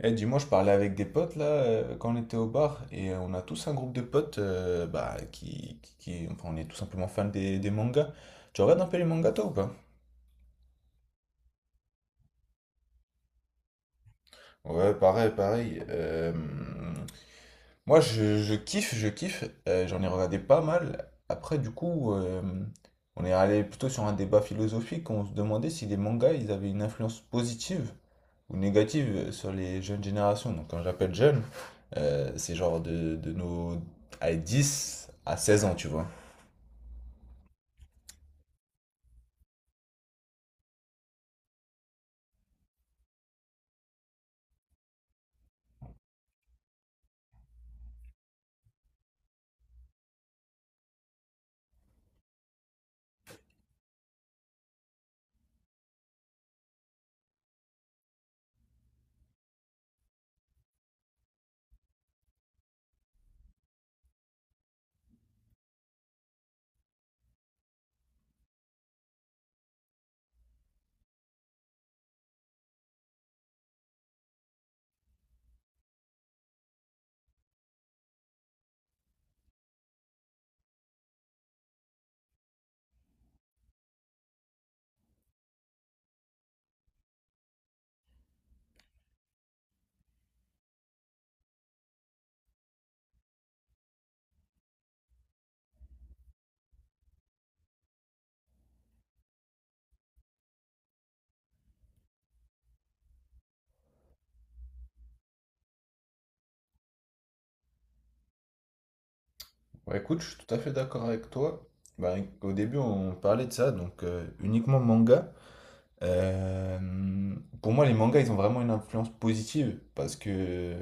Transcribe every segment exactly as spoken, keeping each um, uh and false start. Eh, dis-moi, je parlais avec des potes là euh, quand on était au bar et euh, on a tous un groupe de potes euh, bah, qui, qui, qui- enfin, on est tout simplement fans des, des mangas. Tu regardes un peu les mangas toi ou pas? Ouais, pareil, pareil. Euh, moi, je, je kiffe, je kiffe. Euh, j'en ai regardé pas mal. Après, du coup, euh, on est allé plutôt sur un débat philosophique. On se demandait si les mangas, ils avaient une influence positive ou négative sur les jeunes générations. Donc quand j'appelle jeune, euh, c'est genre de, de nos à dix à seize ans, tu vois. Ouais, écoute, je suis tout à fait d'accord avec toi. Bah, au début, on parlait de ça, donc euh, uniquement manga. Euh, pour moi, les mangas, ils ont vraiment une influence positive parce que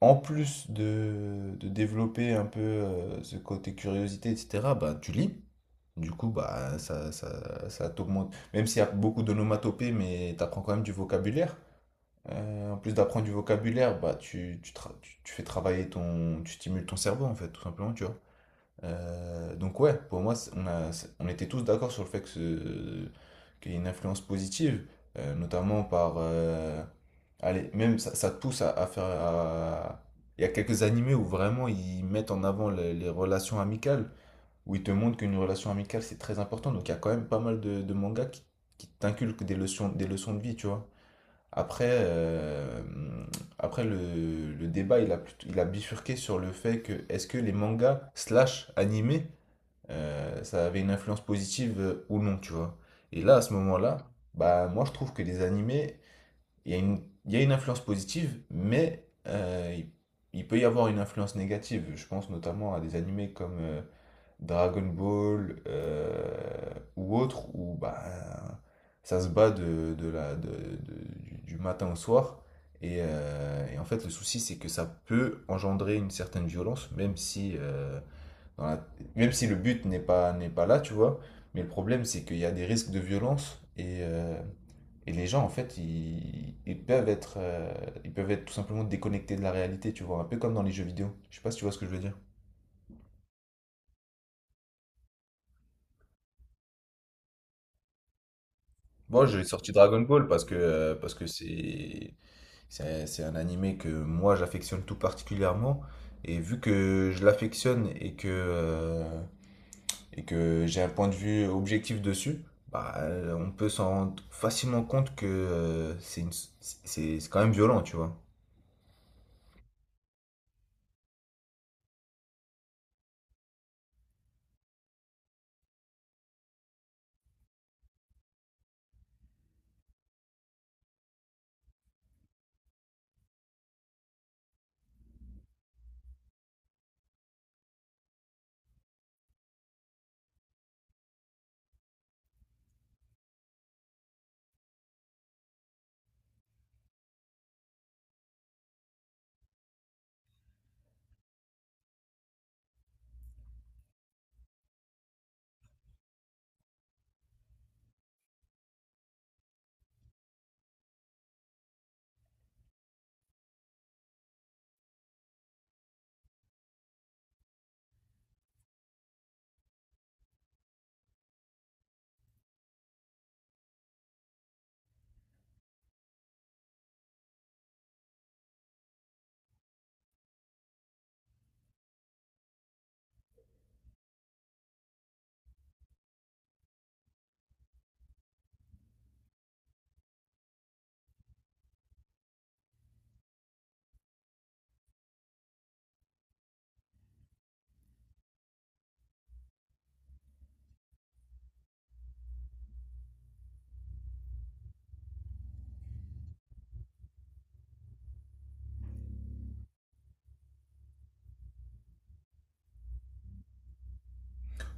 en plus de, de développer un peu euh, ce côté curiosité, et cætera, bah, tu lis. Du coup, bah, ça, ça, ça t'augmente. Même s'il y a beaucoup d'onomatopées, mais tu apprends quand même du vocabulaire. Euh, en plus d'apprendre du vocabulaire, bah, tu, tu, tra- tu, tu fais travailler ton... Tu stimules ton cerveau, en fait, tout simplement, tu vois. Euh, donc ouais, pour moi, c'est- on a, c'est- on était tous d'accord sur le fait que ce- qu'il y a une influence positive, euh, notamment par... euh, allez, même ça, ça te pousse à, à faire... à- Il y a quelques animés où vraiment ils mettent en avant les, les relations amicales, où ils te montrent qu'une relation amicale c'est très important. Donc il y a quand même pas mal de, de mangas qui, qui t'inculquent des leçons, des leçons de vie, tu vois. Après, euh, après le, le débat, il a, plutôt- il a bifurqué sur le fait que est-ce que les mangas slash animés euh, ça avait une influence positive euh, ou non, tu vois. Et là, à ce moment-là, bah moi je trouve que les animés, il y a une, il y a une influence positive, mais euh, il, il peut y avoir une influence négative. Je pense notamment à des animés comme euh, Dragon Ball euh, ou autres, où bah ça se bat de, de la, de- de- du, du matin au soir. Et, euh, et en fait, le souci, c'est que ça peut engendrer une certaine violence, même si euh, dans la- même si le but n'est pas, n'est pas là, tu vois. Mais le problème, c'est qu'il y a des risques de violence et, euh, et les gens, en fait, ils, ils peuvent être, euh, ils peuvent être tout simplement déconnectés de la réalité, tu vois. Un peu comme dans les jeux vidéo. Je sais pas si tu vois ce que je veux dire. Bon, j'ai sorti Dragon Ball parce que, euh, parce que c'est, c'est un, c'est un animé que moi, j'affectionne tout particulièrement. Et vu que je l'affectionne et que, euh, et que j'ai un point de vue objectif dessus, bah, euh, on peut s'en rendre facilement compte que euh, c'est une- c'est c'est quand même violent, tu vois.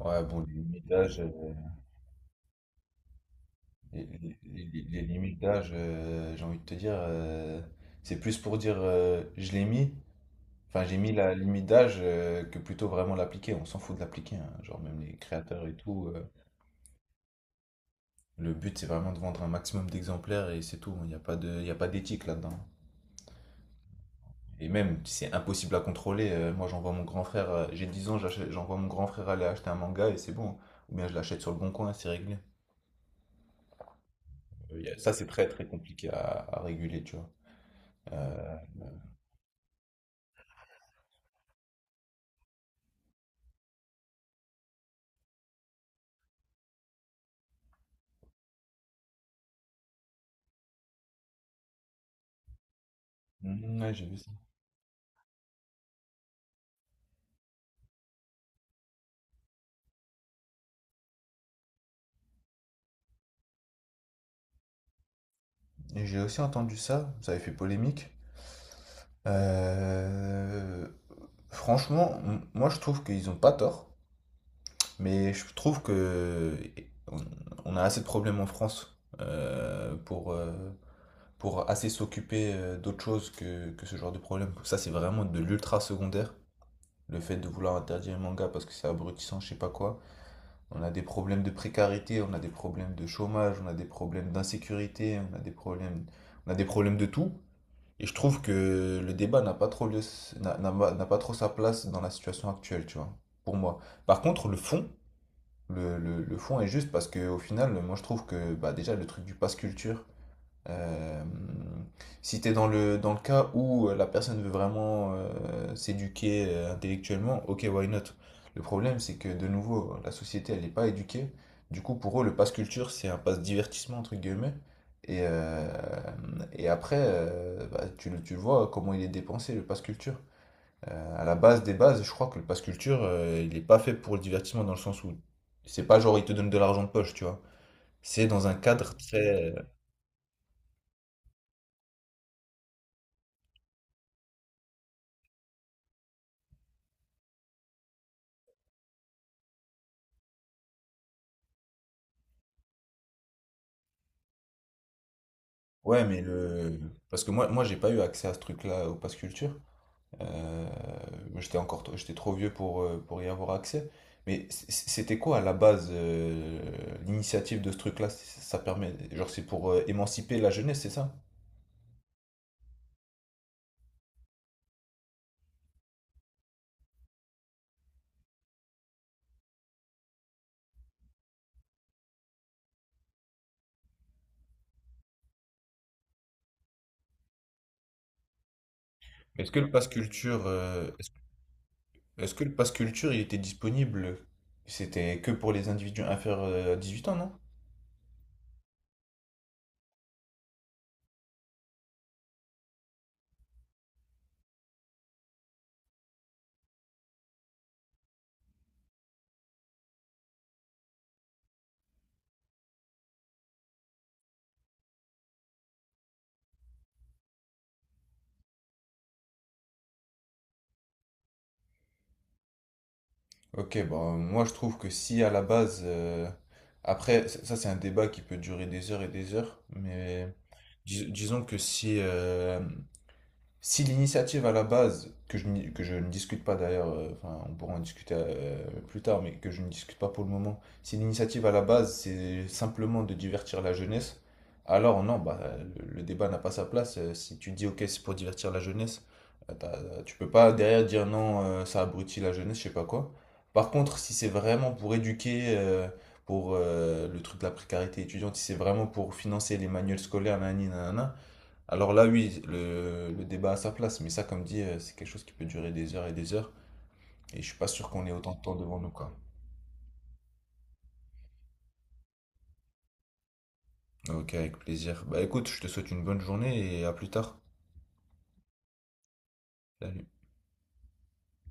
Ouais, bon, les limites d'âge, euh, les, les- les- les limites d'âge, euh, j'ai envie de te dire, euh, c'est plus pour dire euh, je l'ai mis, enfin j'ai mis la limite d'âge euh, que plutôt vraiment l'appliquer. On s'en fout de l'appliquer, hein. Genre même les créateurs et tout. Euh, le but c'est vraiment de vendre un maximum d'exemplaires et c'est tout. Il n'y a pas de, il y a pas d'éthique là-dedans. Et même, c'est impossible à contrôler. Euh, moi, j'envoie mon grand frère, euh, j'ai dix ans, j'achète- j'envoie mon grand frère aller acheter un manga et c'est bon. Ou bien je l'achète sur le bon coin, c'est réglé. Euh, y a- Ça, c'est très très compliqué à, à réguler, tu vois. Euh, mm, ouais, j'ai vu ça. Et j'ai aussi entendu ça, ça avait fait polémique. Euh, Franchement, m- moi, je trouve qu'ils ont pas tort, mais je trouve que on, on a assez de problèmes en France euh, pour, euh, pour assez s'occuper euh, d'autre chose que, que ce genre de problème. Ça, c'est vraiment de l'ultra secondaire. Le fait de vouloir interdire les mangas parce que c'est abrutissant, je sais pas quoi. On a des problèmes de précarité, on a des problèmes de chômage, on a des problèmes d'insécurité, on a des problèmes, on a des problèmes de tout. Et je trouve que le débat n'a pas trop lieu, n'a n'a- n'a pas trop sa place dans la situation actuelle, tu vois, pour moi. Par contre, le fond, le, le, le fond est juste parce que au final, moi je trouve que bah, déjà le truc du pass culture, euh, si tu es dans le, dans le cas où euh, la personne veut vraiment euh, s'éduquer euh, intellectuellement, ok, why not? Le problème, c'est que de nouveau, la société, elle n'est pas éduquée. Du coup, pour eux, le pass culture, c'est un pass divertissement, entre guillemets. Et, euh, et après, euh, bah, tu, le- tu le vois comment il est dépensé, le pass culture. Euh, à la base des bases, je crois que le pass culture, euh, il n'est pas fait pour le divertissement dans le sens où c'est pas genre il te donne de l'argent de poche, tu vois. C'est dans un cadre très, euh, ouais, mais le... Parce que moi, moi j'ai pas eu accès à ce truc-là au Pass Culture. Euh, j'étais encore trop- j'étais trop vieux pour, euh, pour y avoir accès. Mais c- c'était quoi à la base euh, l'initiative de ce truc-là? c- Ça permet... Genre c'est pour euh, émanciper la jeunesse, c'est ça? Mais est-ce que le Pass Culture, euh, est-ce est-ce que le Pass Culture il était disponible? C'était que pour les individus inférieurs à dix-huit ans, non? Ok, bon, moi je trouve que si à la base... euh, Après, ça ça, c'est un débat qui peut durer des heures et des heures, mais... Dis- disons que si, euh, si l'initiative à la base, que je, n'y- que je ne discute pas d'ailleurs, euh, enfin, on pourra en discuter euh, plus tard, mais que je ne discute pas pour le moment, si l'initiative à la base c'est simplement de divertir la jeunesse, alors non, bah, le, le débat n'a pas sa place. Euh, Si tu dis ok, c'est pour divertir la jeunesse, euh, t'as- tu peux pas derrière dire non, euh, ça abrutit la jeunesse, je sais pas quoi. Par contre, si c'est vraiment pour éduquer, euh, pour euh, le truc de la précarité étudiante, si c'est vraiment pour financer les manuels scolaires, nanani, nanana, alors là, oui, le, le débat a sa place, mais ça, comme dit, euh, c'est quelque chose qui peut durer des heures et des heures, et je suis pas sûr qu'on ait autant de temps devant nous, quoi. Ok, avec plaisir. Bah écoute, je te souhaite une bonne journée et à plus tard. Salut.